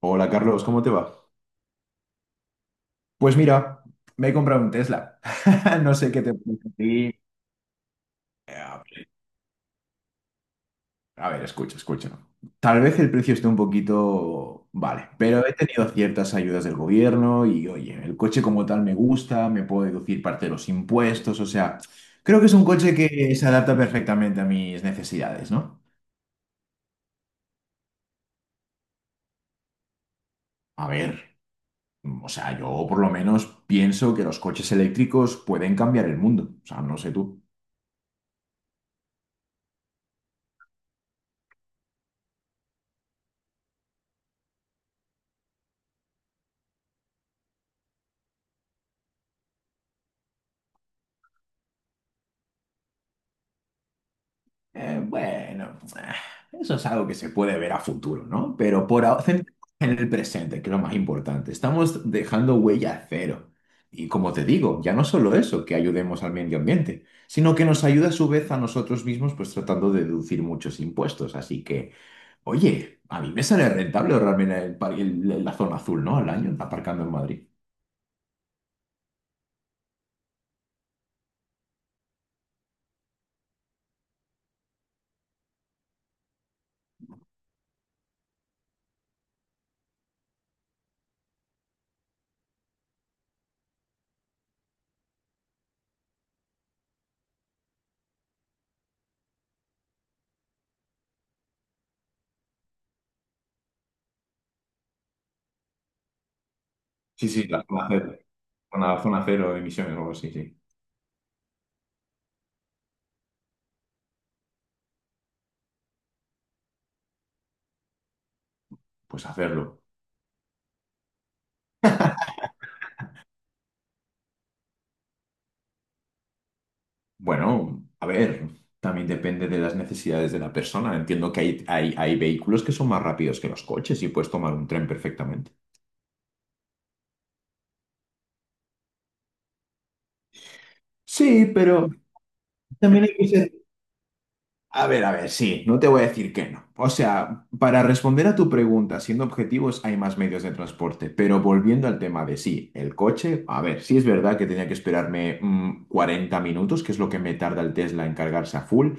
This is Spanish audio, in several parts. Hola Carlos, ¿cómo te va? Pues mira, me he comprado un Tesla. No sé qué te parece a ti. A ver, a ver, escucha, escucha. Tal vez el precio esté un poquito. Vale, pero he tenido ciertas ayudas del gobierno y oye, el coche como tal me gusta, me puedo deducir parte de los impuestos, o sea, creo que es un coche que se adapta perfectamente a mis necesidades, ¿no? A ver, o sea, yo por lo menos pienso que los coches eléctricos pueden cambiar el mundo, o sea, no sé tú. Bueno, eso es algo que se puede ver a futuro, ¿no? Pero por ahora, centrémonos en el presente, que es lo más importante. Estamos dejando huella cero. Y como te digo, ya no solo eso, que ayudemos al medio ambiente, sino que nos ayuda a su vez a nosotros mismos, pues tratando de deducir muchos impuestos. Así que, oye, a mí me sale rentable realmente la zona azul, ¿no? Al año, aparcando en Madrid. Sí, sí, la zona cero. Una zona cero de emisiones o algo así, sí. Pues hacerlo. Bueno, a ver, también depende de las necesidades de la persona. Entiendo que hay vehículos que son más rápidos que los coches y puedes tomar un tren perfectamente. Sí, pero también hay que ser. A ver, sí, no te voy a decir que no. O sea, para responder a tu pregunta, siendo objetivos, hay más medios de transporte, pero volviendo al tema de sí, el coche, a ver, sí es verdad que tenía que esperarme 40 minutos, que es lo que me tarda el Tesla en cargarse a full,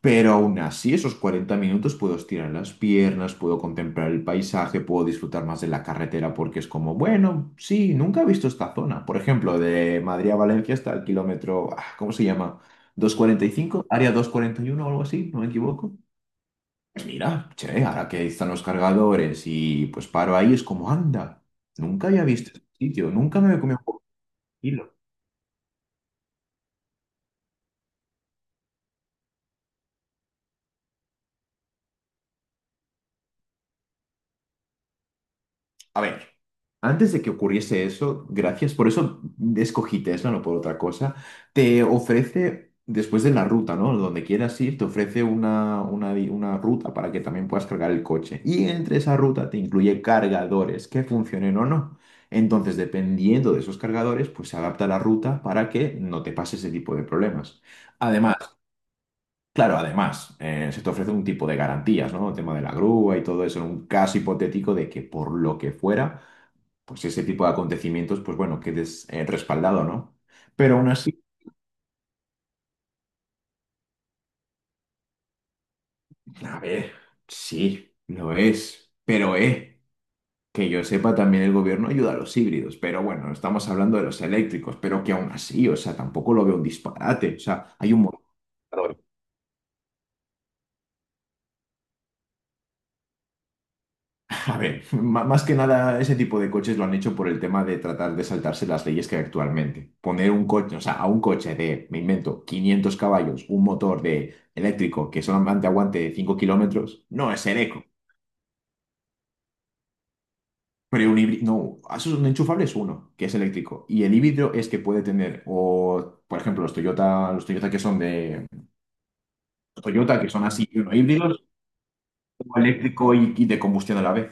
pero aún así, esos 40 minutos puedo estirar las piernas, puedo contemplar el paisaje, puedo disfrutar más de la carretera porque es como, bueno, sí, nunca he visto esta zona. Por ejemplo, de Madrid a Valencia hasta el kilómetro, ah, ¿cómo se llama? 245, área 241 o algo así, no me equivoco. Pues mira, che, ahora que están los cargadores y pues paro ahí, es como anda. Nunca había visto este sitio, nunca me había comido un. A ver, antes de que ocurriese eso, gracias, por eso escogí Tesla, no por otra cosa, te ofrece, después de la ruta, ¿no? Donde quieras ir, te ofrece una ruta para que también puedas cargar el coche. Y entre esa ruta te incluye cargadores que funcionen o no. Entonces, dependiendo de esos cargadores, pues se adapta la ruta para que no te pase ese tipo de problemas. Además, claro, además, se te ofrece un tipo de garantías, ¿no? El tema de la grúa y todo eso, en un caso hipotético de que por lo que fuera, pues ese tipo de acontecimientos, pues bueno, quedes respaldado, ¿no? Pero aún así, a ver, sí, lo es, pero que yo sepa también el gobierno ayuda a los híbridos, pero bueno, estamos hablando de los eléctricos, pero que aún así, o sea, tampoco lo veo un disparate, o sea, hay un montón. A ver, más que nada ese tipo de coches lo han hecho por el tema de tratar de saltarse las leyes que hay actualmente. Poner un coche, o sea, a un coche de, me invento, 500 caballos, un motor de eléctrico que solamente aguante 5 kilómetros, no es ser eco. Pero un híbrido, no, eso es un enchufable es uno, que es eléctrico. Y el híbrido es que puede tener, o por ejemplo, los Toyota que son de Toyota, que son así, uno híbridos, o eléctrico y de combustión a la vez,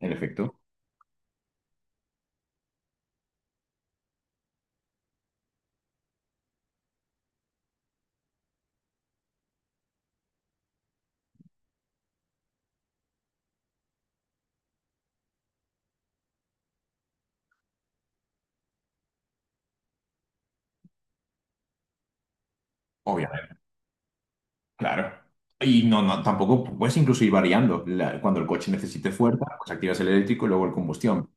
en efecto. Claro. Y no, no, tampoco puedes incluso ir variando. La- cuando el coche necesite fuerza, pues activas el eléctrico y luego el combustión.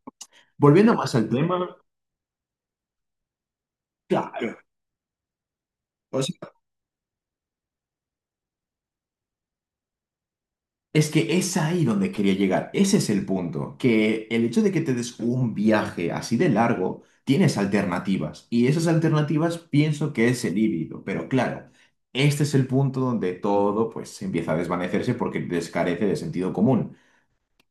Volviendo más al tema, claro. O sea, es que es ahí donde quería llegar. Ese es el punto. Que el hecho de que te des un viaje así de largo, tienes alternativas. Y esas alternativas pienso que es el híbrido. Pero claro, este es el punto donde todo pues empieza a desvanecerse porque descarece de sentido común.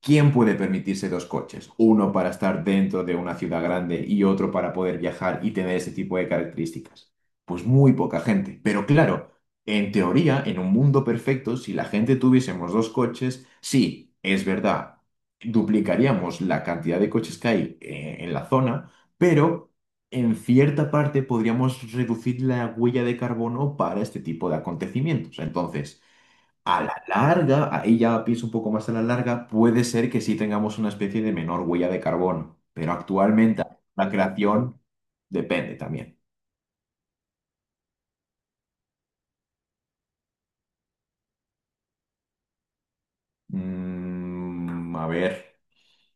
¿Quién puede permitirse dos coches? Uno para estar dentro de una ciudad grande y otro para poder viajar y tener ese tipo de características. Pues muy poca gente. Pero claro, en teoría, en un mundo perfecto, si la gente tuviésemos dos coches, sí, es verdad, duplicaríamos la cantidad de coches que hay en la zona, pero en cierta parte podríamos reducir la huella de carbono para este tipo de acontecimientos. Entonces… A la larga, ahí ya pienso un poco más a la larga, puede ser que sí tengamos una especie de menor huella de carbono, pero actualmente la creación depende también. A ver,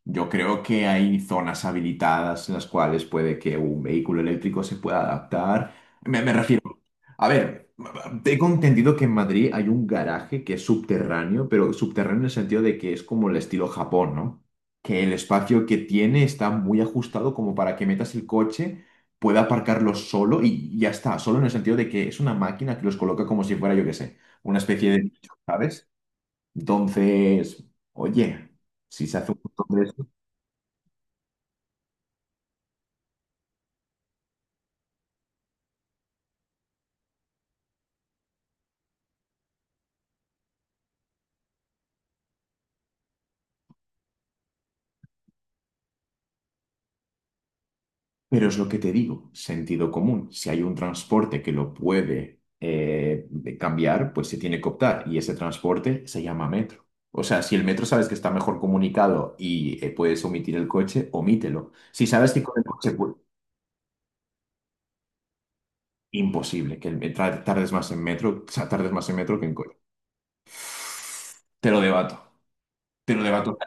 yo creo que hay zonas habilitadas en las cuales puede que un vehículo eléctrico se pueda adaptar. Me refiero. A ver, tengo entendido que en Madrid hay un garaje que es subterráneo, pero subterráneo en el sentido de que es como el estilo Japón, ¿no? Que el espacio que tiene está muy ajustado como para que metas el coche, pueda aparcarlo solo y ya está, solo en el sentido de que es una máquina que los coloca como si fuera, yo qué sé, una especie de nicho, ¿sabes? Entonces, oye, si se hace un montón. Pero es lo que te digo, sentido común. Si hay un transporte que lo puede cambiar, pues se tiene que optar. Y ese transporte se llama metro. O sea, si el metro sabes que está mejor comunicado y puedes omitir el coche, omítelo. Si sabes que con el coche, pues, imposible, que tardes más en metro, o sea, tardes más en metro que en coche. Te lo debato. Te lo debato.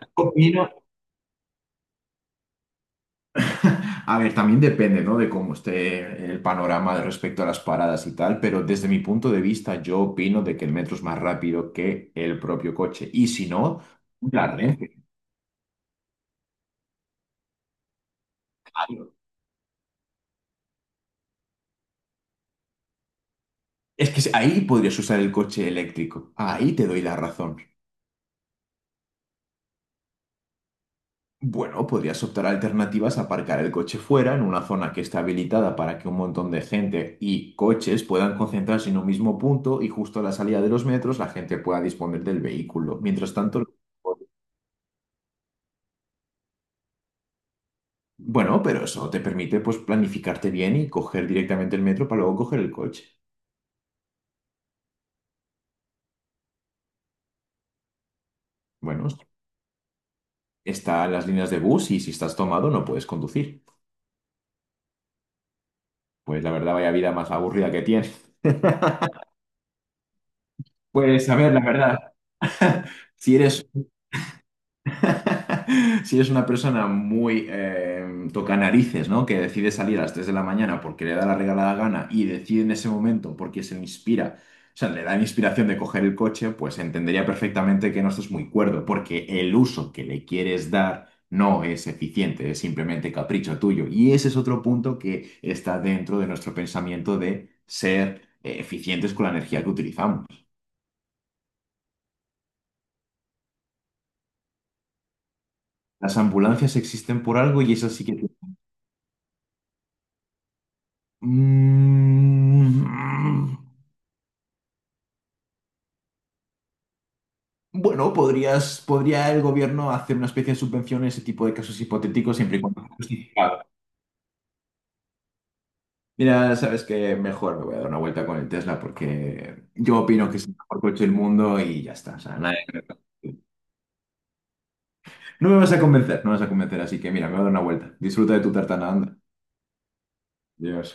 A ver, también depende, ¿no? De cómo esté el panorama de respecto a las paradas y tal, pero desde mi punto de vista yo opino de que el metro es más rápido que el propio coche. Y si no, la Renfe. Ay, es que ahí podrías usar el coche eléctrico. Ahí te doy la razón. Bueno, podrías optar a alternativas a aparcar el coche fuera, en una zona que está habilitada para que un montón de gente y coches puedan concentrarse en un mismo punto y justo a la salida de los metros la gente pueda disponer del vehículo. Mientras tanto… Bueno, pero eso te permite pues planificarte bien y coger directamente el metro para luego coger el coche. Bueno, están las líneas de bus y si estás tomado no puedes conducir. Pues la verdad, vaya vida más aburrida que tienes. Pues a ver, la verdad, si eres, si es una persona muy toca narices, ¿no? Que decide salir a las 3 de la mañana porque le da la regalada gana y decide en ese momento porque se le inspira, o sea, le da la inspiración de coger el coche, pues entendería perfectamente que no estás muy cuerdo, porque el uso que le quieres dar no es eficiente, es simplemente capricho tuyo. Y ese es otro punto que está dentro de nuestro pensamiento de ser eficientes con la energía que utilizamos. Las ambulancias existen por algo y eso sí que. Mm, Bueno, podrías, podría el gobierno hacer una especie de subvención en ese tipo de casos hipotéticos siempre y cuando sea justificado. Mira, sabes que mejor me voy a dar una vuelta con el Tesla porque yo opino que es el mejor coche del mundo y ya está. O sea, nadie- me- No me vas a convencer, no me vas a convencer, así que mira, me voy a dar una vuelta. Disfruta de tu tartana, anda. Adiós.